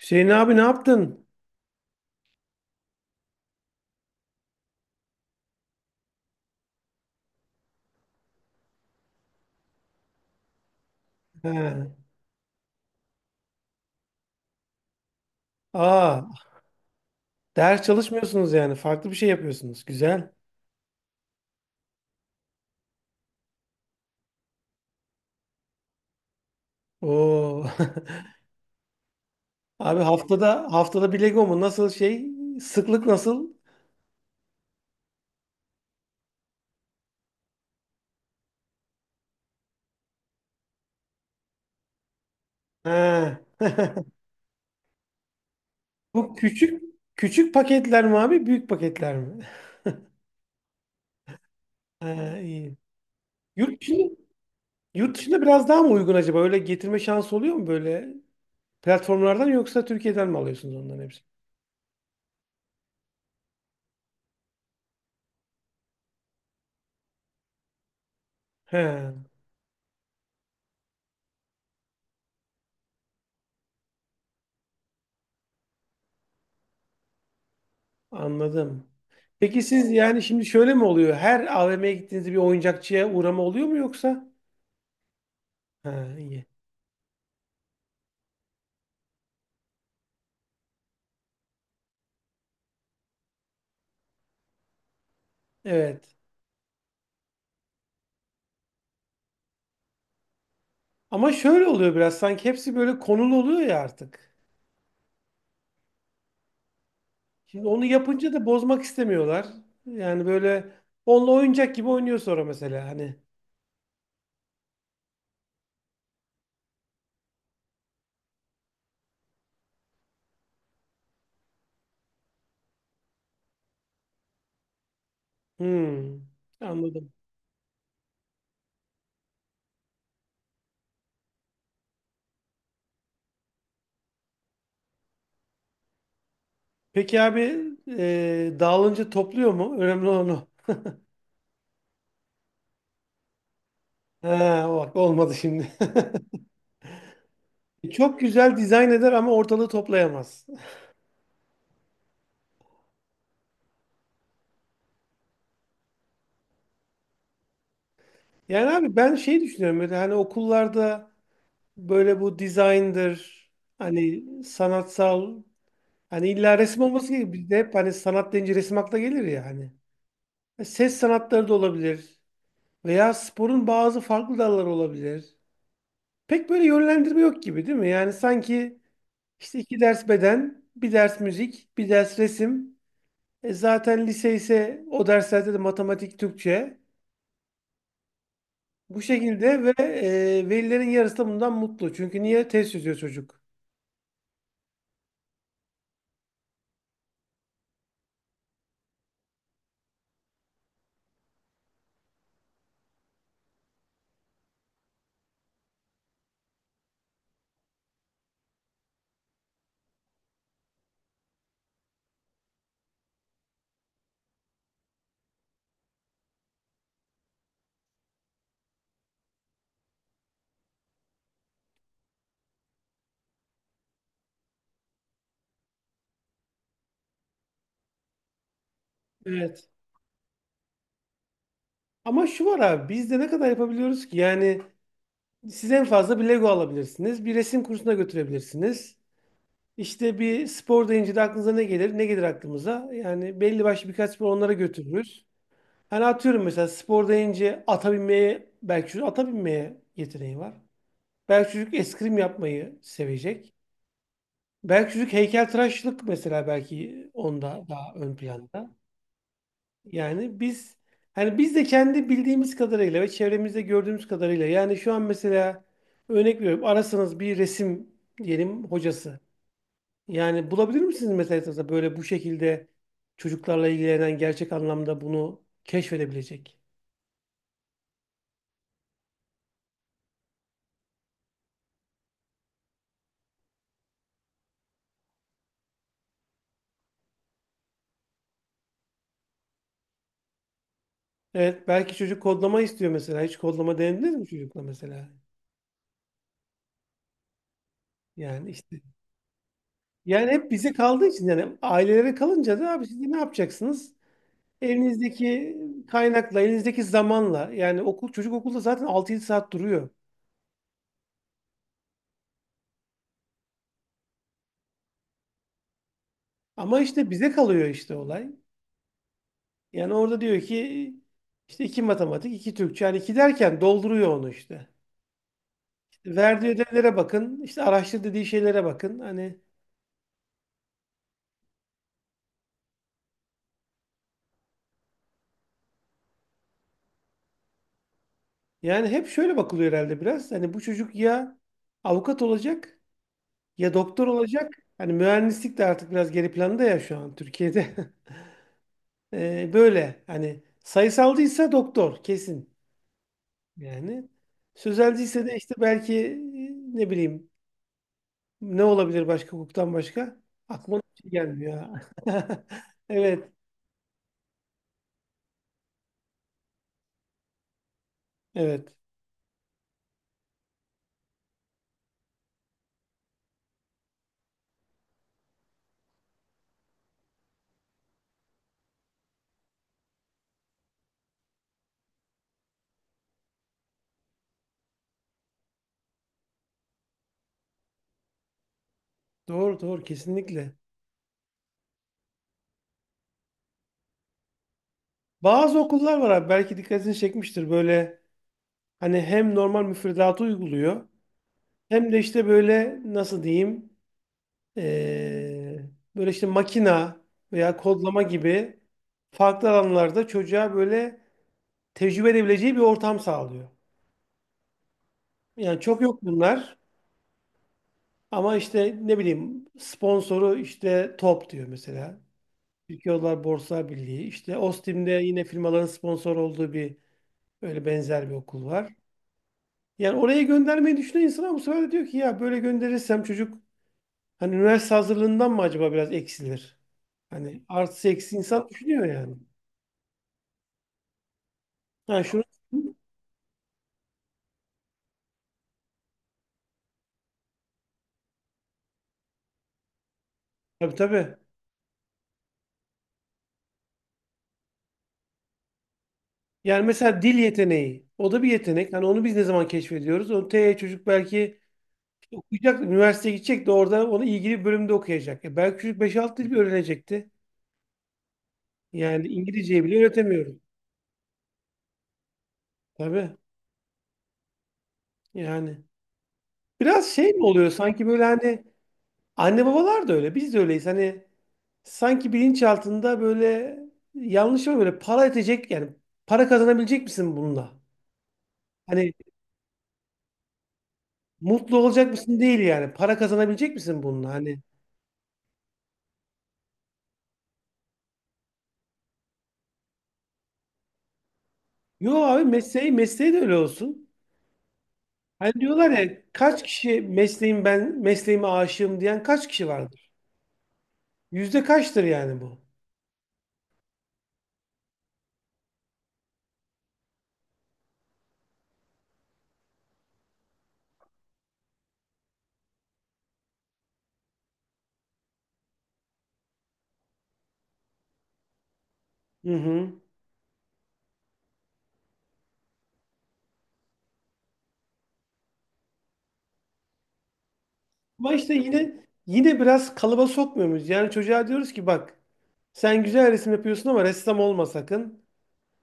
Hüseyin abi ne yaptın? He. Aa, ders çalışmıyorsunuz yani. Farklı bir şey yapıyorsunuz. Güzel. Oo. Abi haftada bir Lego mu? Nasıl şey? Sıklık nasıl? He. Bu küçük paketler mi abi? Büyük paketler mi? He, iyi. Yurt dışında, yurt dışında biraz daha mı uygun acaba? Öyle getirme şansı oluyor mu böyle platformlardan yoksa Türkiye'den mi alıyorsunuz onların hepsini? He. Anladım. Peki siz yani şimdi şöyle mi oluyor? Her AVM'ye gittiğinizde bir oyuncakçıya uğrama oluyor mu yoksa? Ha, iyi. Evet. Ama şöyle oluyor biraz sanki hepsi böyle konulu oluyor ya artık. Şimdi onu yapınca da bozmak istemiyorlar. Yani böyle onunla oyuncak gibi oynuyor sonra mesela hani. Hmm, anladım. Peki abi dağılınca topluyor mu? Önemli olan o. Ha, bak olmadı şimdi. Çok güzel dizayn eder ama ortalığı toplayamaz. Yani abi ben şey düşünüyorum böyle hani okullarda böyle bu dizayndır, hani sanatsal, hani illa resim olması gibi, bizde hep hani sanat deyince resim akla gelir ya hani. E, ses sanatları da olabilir veya sporun bazı farklı dalları olabilir. Pek böyle yönlendirme yok gibi değil mi? Yani sanki işte iki ders beden, bir ders müzik, bir ders resim. E zaten lise ise o derslerde de matematik, Türkçe. Bu şekilde ve e, velilerin yarısı da bundan mutlu. Çünkü niye test çözüyor çocuk? Evet. Ama şu var abi, biz de ne kadar yapabiliyoruz ki? Yani siz en fazla bir Lego alabilirsiniz. Bir resim kursuna götürebilirsiniz. İşte bir spor deyince de aklınıza ne gelir? Ne gelir aklımıza? Yani belli başlı birkaç spor onlara götürürüz. Hani atıyorum, mesela spor deyince ata binmeye, belki çocuk ata binmeye yeteneği var. Belki çocuk eskrim yapmayı sevecek. Belki çocuk heykeltıraşlık, mesela belki onda daha ön planda. Yani biz, hani biz de kendi bildiğimiz kadarıyla ve çevremizde gördüğümüz kadarıyla, yani şu an mesela örnek veriyorum, arasanız bir resim diyelim hocası. Yani bulabilir misiniz mesela etrafta böyle bu şekilde çocuklarla ilgilenen, gerçek anlamda bunu keşfedebilecek? Evet, belki çocuk kodlama istiyor mesela. Hiç kodlama denediniz mi çocukla mesela? Yani işte, yani hep bize kaldığı için, yani ailelere kalınca da abi siz de ne yapacaksınız? Elinizdeki kaynakla, elinizdeki zamanla, yani okul, çocuk okulda zaten altı yedi saat duruyor. Ama işte bize kalıyor işte olay. Yani orada diyor ki işte iki matematik, iki Türkçe. Yani iki derken dolduruyor onu işte. İşte verdiği ödevlere bakın, işte araştır dediği şeylere bakın. Hani yani hep şöyle bakılıyor herhalde biraz. Hani bu çocuk ya avukat olacak ya doktor olacak. Hani mühendislik de artık biraz geri planda ya şu an Türkiye'de. Böyle hani sayısalcıysa doktor kesin. Yani sözelciyse de işte belki ne bileyim, ne olabilir başka hukuktan başka? Aklıma bir şey gelmiyor. Ha. Evet, evet. Doğru, doğru kesinlikle. Bazı okullar var abi, belki dikkatini çekmiştir böyle, hani hem normal müfredatı uyguluyor hem de işte böyle nasıl diyeyim, e, böyle işte makina veya kodlama gibi farklı alanlarda çocuğa böyle tecrübe edebileceği bir ortam sağlıyor. Yani çok yok bunlar. Ama işte ne bileyim sponsoru işte Top diyor mesela. Türkiye Odalar Borsa Birliği. İşte Ostim'de yine firmaların sponsor olduğu bir, öyle benzer bir okul var. Yani oraya göndermeyi düşünen insan, ama bu sefer de diyor ki ya böyle gönderirsem çocuk hani üniversite hazırlığından mı acaba biraz eksilir? Hani artısı eksi insan düşünüyor yani. Ha şunu, tabii tabii. Yani mesela dil yeteneği. O da bir yetenek. Hani onu biz ne zaman keşfediyoruz? O T çocuk belki okuyacak, üniversiteye gidecek de orada onu ilgili bir bölümde okuyacak. E belki çocuk 5-6 dil bile öğrenecekti. Yani İngilizceyi bile öğretemiyorum. Tabii yani. Biraz şey mi oluyor sanki böyle hani, anne babalar da öyle, biz de öyleyiz. Hani sanki bilinçaltında böyle yanlış mı, böyle para edecek yani, para kazanabilecek misin bununla? Hani mutlu olacak mısın değil, yani para kazanabilecek misin bununla? Hani yo abi, mesleği de öyle olsun. Hani diyorlar ya kaç kişi, mesleğim, ben mesleğime aşığım diyen kaç kişi vardır? Yüzde kaçtır yani bu? Hı hı. Ama işte yine biraz kalıba sokmuyor muyuz? Yani çocuğa diyoruz ki bak, sen güzel resim yapıyorsun ama ressam olma sakın.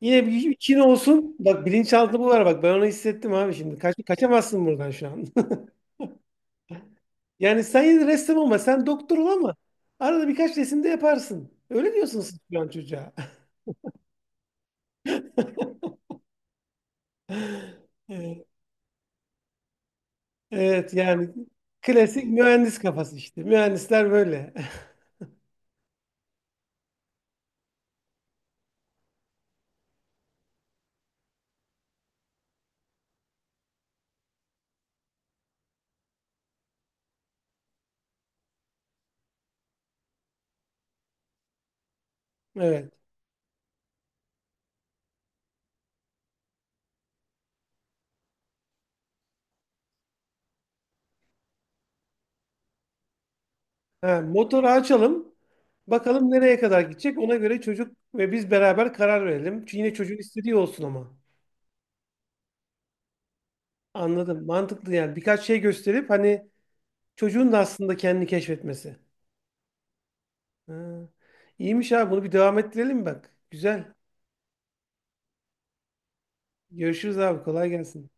Yine bir için olsun. Bak bilinçaltı bu, var bak, ben onu hissettim abi şimdi. Kaç, kaçamazsın buradan şu an. Yani sen yine de ressam olma, sen doktor ol ama arada birkaç resim de yaparsın. Öyle diyorsun siz şu an çocuğa. Evet yani klasik mühendis kafası işte. Mühendisler böyle. Evet. Ha, motoru açalım. Bakalım nereye kadar gidecek. Ona göre çocuk ve biz beraber karar verelim. Çünkü yine çocuğun istediği olsun ama. Anladım. Mantıklı yani. Birkaç şey gösterip hani çocuğun da aslında kendini keşfetmesi. Ha. İyiymiş abi. Bunu bir devam ettirelim bak. Güzel. Görüşürüz abi. Kolay gelsin.